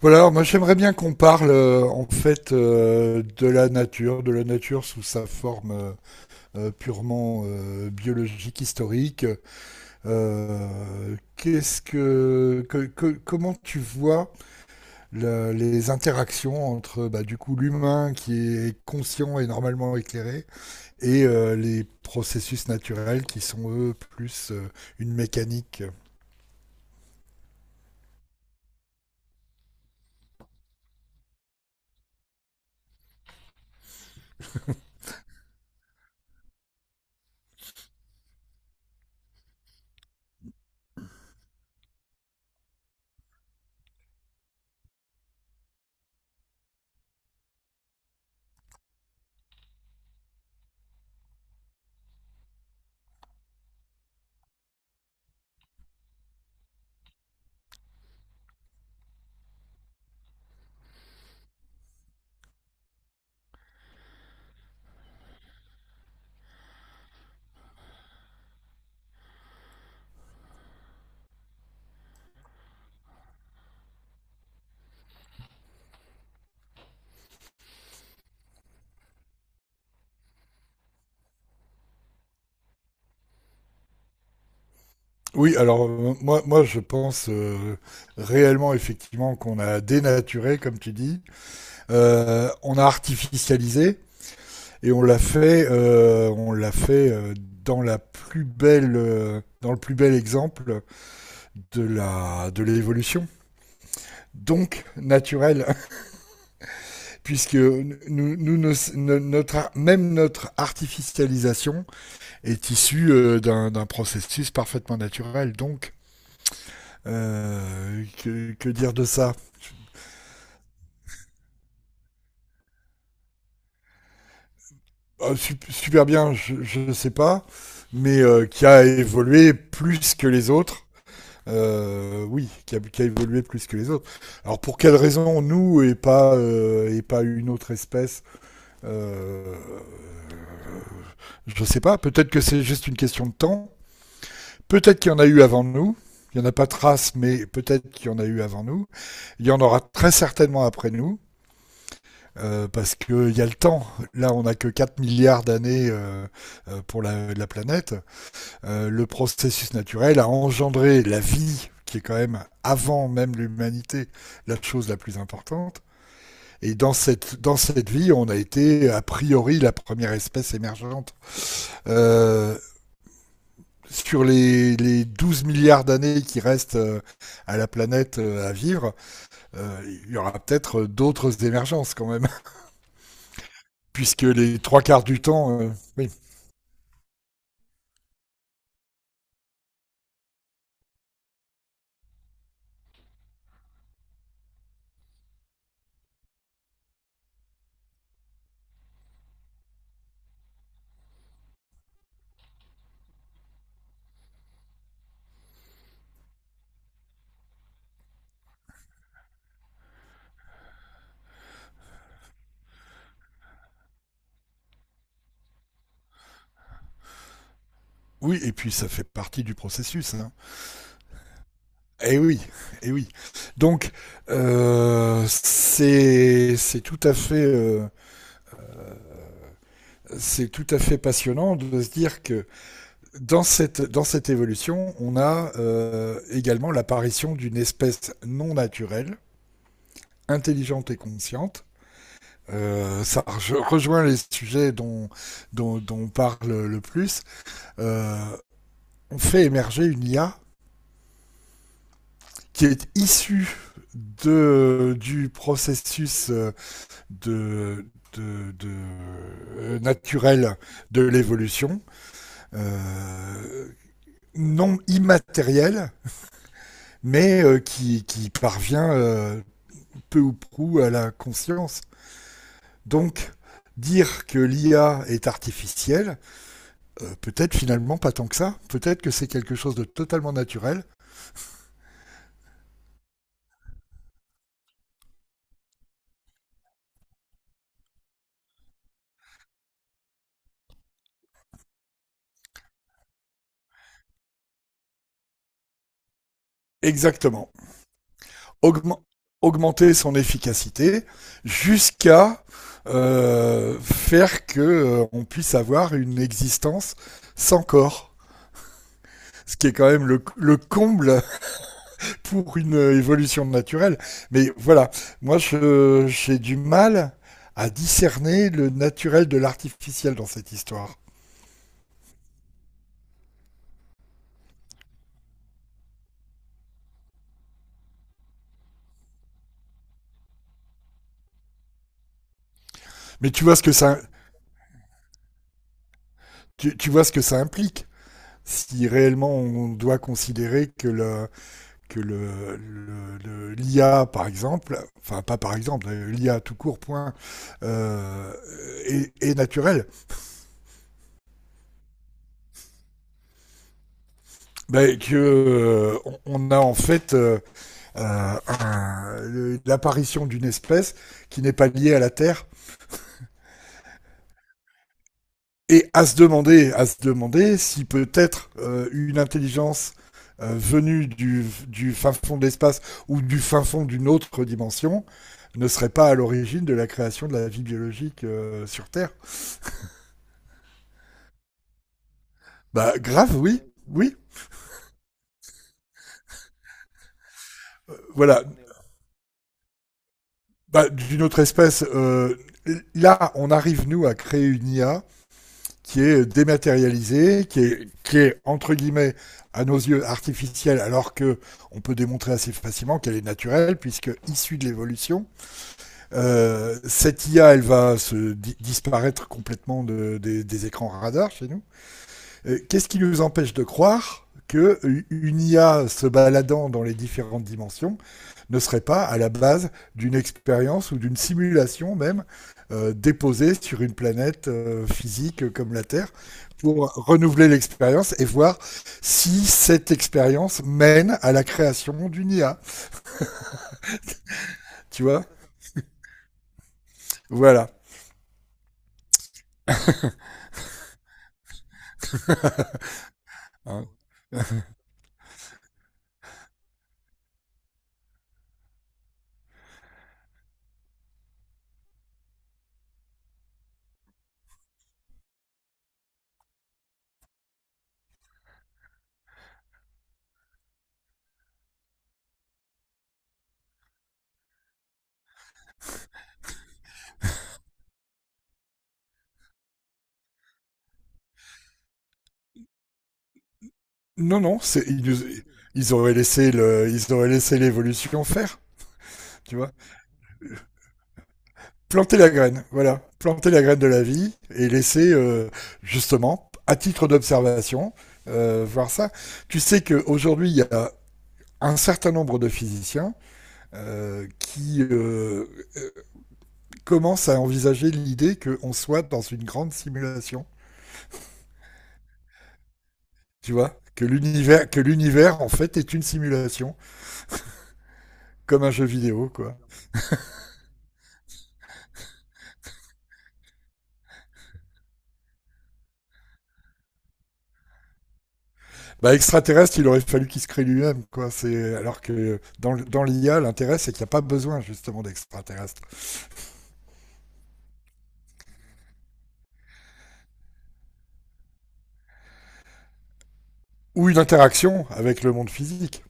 Voilà, alors moi j'aimerais bien qu'on parle en fait de la nature, sous sa forme purement biologique, historique. Qu'est-ce que- comment tu vois les interactions entre bah, du coup l'humain qui est conscient et normalement éclairé et les processus naturels qui sont eux plus une mécanique. Oui, alors moi je pense réellement effectivement qu'on a dénaturé, comme tu dis. On a artificialisé et on l'a fait dans dans le plus bel exemple de l'évolution. Donc naturel, puisque nous, nous, nos- no- notre, ar- même notre artificialisation est issue d'un processus parfaitement naturel. Donc que dire de ça? Super bien, je ne sais pas, mais qui a évolué plus que les autres. Oui, qui a évolué plus que les autres. Alors pour quelle raison nous et pas et pas une autre espèce, euh, je sais pas. Peut-être que c'est juste une question de temps. Peut-être qu'il y en a eu avant nous. Il n'y en a pas trace, mais peut-être qu'il y en a eu avant nous. Il y en aura très certainement après nous, parce qu'il y a le temps. Là, on n'a que 4 milliards d'années pour la, la planète. Le processus naturel a engendré la vie, qui est quand même, avant même l'humanité, la chose la plus importante. Et dans cette vie, on a été, a priori, la première espèce émergente. Euh, sur les 12 milliards d'années qui restent à la planète, à vivre, euh, il y aura peut-être d'autres émergences quand même, puisque les trois quarts du temps, oui. Oui, et puis ça fait partie du processus, hein. Eh oui, eh oui. Donc, euh, c'est c'est tout à fait euh, c'est tout à fait passionnant de se dire que dans cette évolution, on a également l'apparition d'une espèce non naturelle, intelligente et consciente. Ça rejoint les sujets dont on parle le plus. Euh, on fait émerger une IA qui est issue de du processus de, de naturel de l'évolution, euh, non immatériel, mais qui parvient peu ou prou à la conscience. Donc, dire que l'IA est artificielle, peut-être finalement pas tant que ça, peut-être que c'est quelque chose de totalement naturel. Exactement. augment- augmenter son efficacité jusqu'à faire que on puisse avoir une existence sans corps. Ce qui est quand même le comble pour une évolution naturelle. Mais voilà, moi j'ai du mal à discerner le naturel de l'artificiel dans cette histoire. Mais tu vois ce que ça implique, si réellement on doit considérer que l'IA, par exemple, enfin pas par exemple, l'IA tout court point euh, est naturel. Ben, que on a en fait l'apparition d'une espèce qui n'est pas liée à la Terre, et à se demander si peut-être une intelligence venue du fin fond de l'espace ou du fin fond d'une autre dimension ne serait pas à l'origine de la création de la vie biologique sur Terre. Bah grave, oui, oui. Voilà. Bah, d'une autre espèce, là, on arrive nous à créer une IA qui est dématérialisée, qui est entre guillemets à nos yeux artificielle, alors que on peut démontrer assez facilement qu'elle est naturelle puisque issue de l'évolution. Cette IA, elle va disparaître complètement des écrans radars chez nous. Qu'est-ce qui nous empêche de croire que une IA se baladant dans les différentes dimensions ne serait pas à la base d'une expérience ou d'une simulation même, déposée sur une planète, physique comme la Terre, pour renouveler l'expérience et voir si cette expérience mène à la création d'une IA. Tu vois. Voilà. Hein. Non, non, ils auraient laissé l'évolution faire. Tu vois, planter la graine, voilà, planter la graine de la vie, et laisser justement, à titre d'observation, voir ça. Tu sais qu'aujourd'hui, il y a un certain nombre de physiciens qui euh, commencent à envisager l'idée qu'on soit dans une grande simulation, tu vois que l'univers en fait est une simulation, comme un jeu vidéo, quoi. Bah, extraterrestre, il aurait fallu qu'il se crée lui-même, quoi. C'est alors que dans l'IA, l'intérêt c'est qu'il n'y a pas besoin justement d'extraterrestre. Ou une interaction avec le monde physique.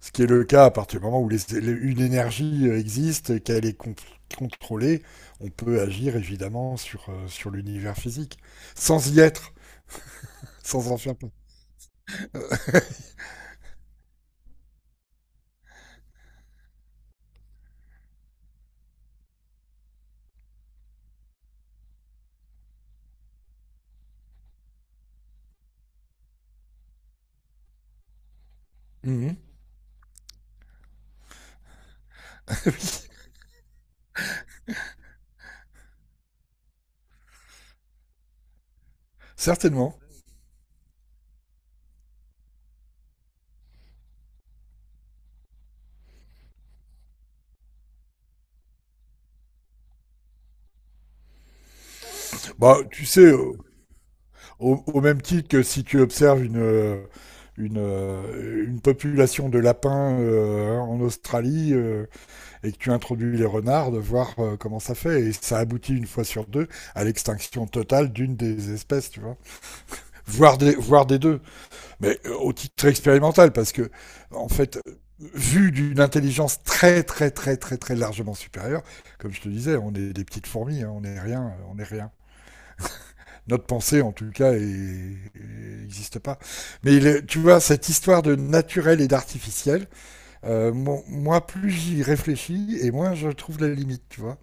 Ce qui est le cas à partir du moment où une énergie existe, qu'elle est contrôlée, on peut agir évidemment sur l'univers physique, sans y être, sans en faire pas. Mm. Certainement. Bah, tu sais, même titre que si tu observes une population de lapins en Australie, et que tu introduis les renards, de voir comment ça fait. Et ça aboutit une fois sur deux à l'extinction totale d'une des espèces, tu vois. Voire des deux, mais au titre expérimental, parce que, en fait, vu d'une intelligence très, très, très, très, très largement supérieure, comme je te disais, on est des petites fourmis, hein, on n'est rien, on est rien. Notre pensée, en tout cas, n'existe pas. Mais tu vois, cette histoire de naturel et d'artificiel, moi, plus j'y réfléchis, et moins je trouve la limite, tu vois.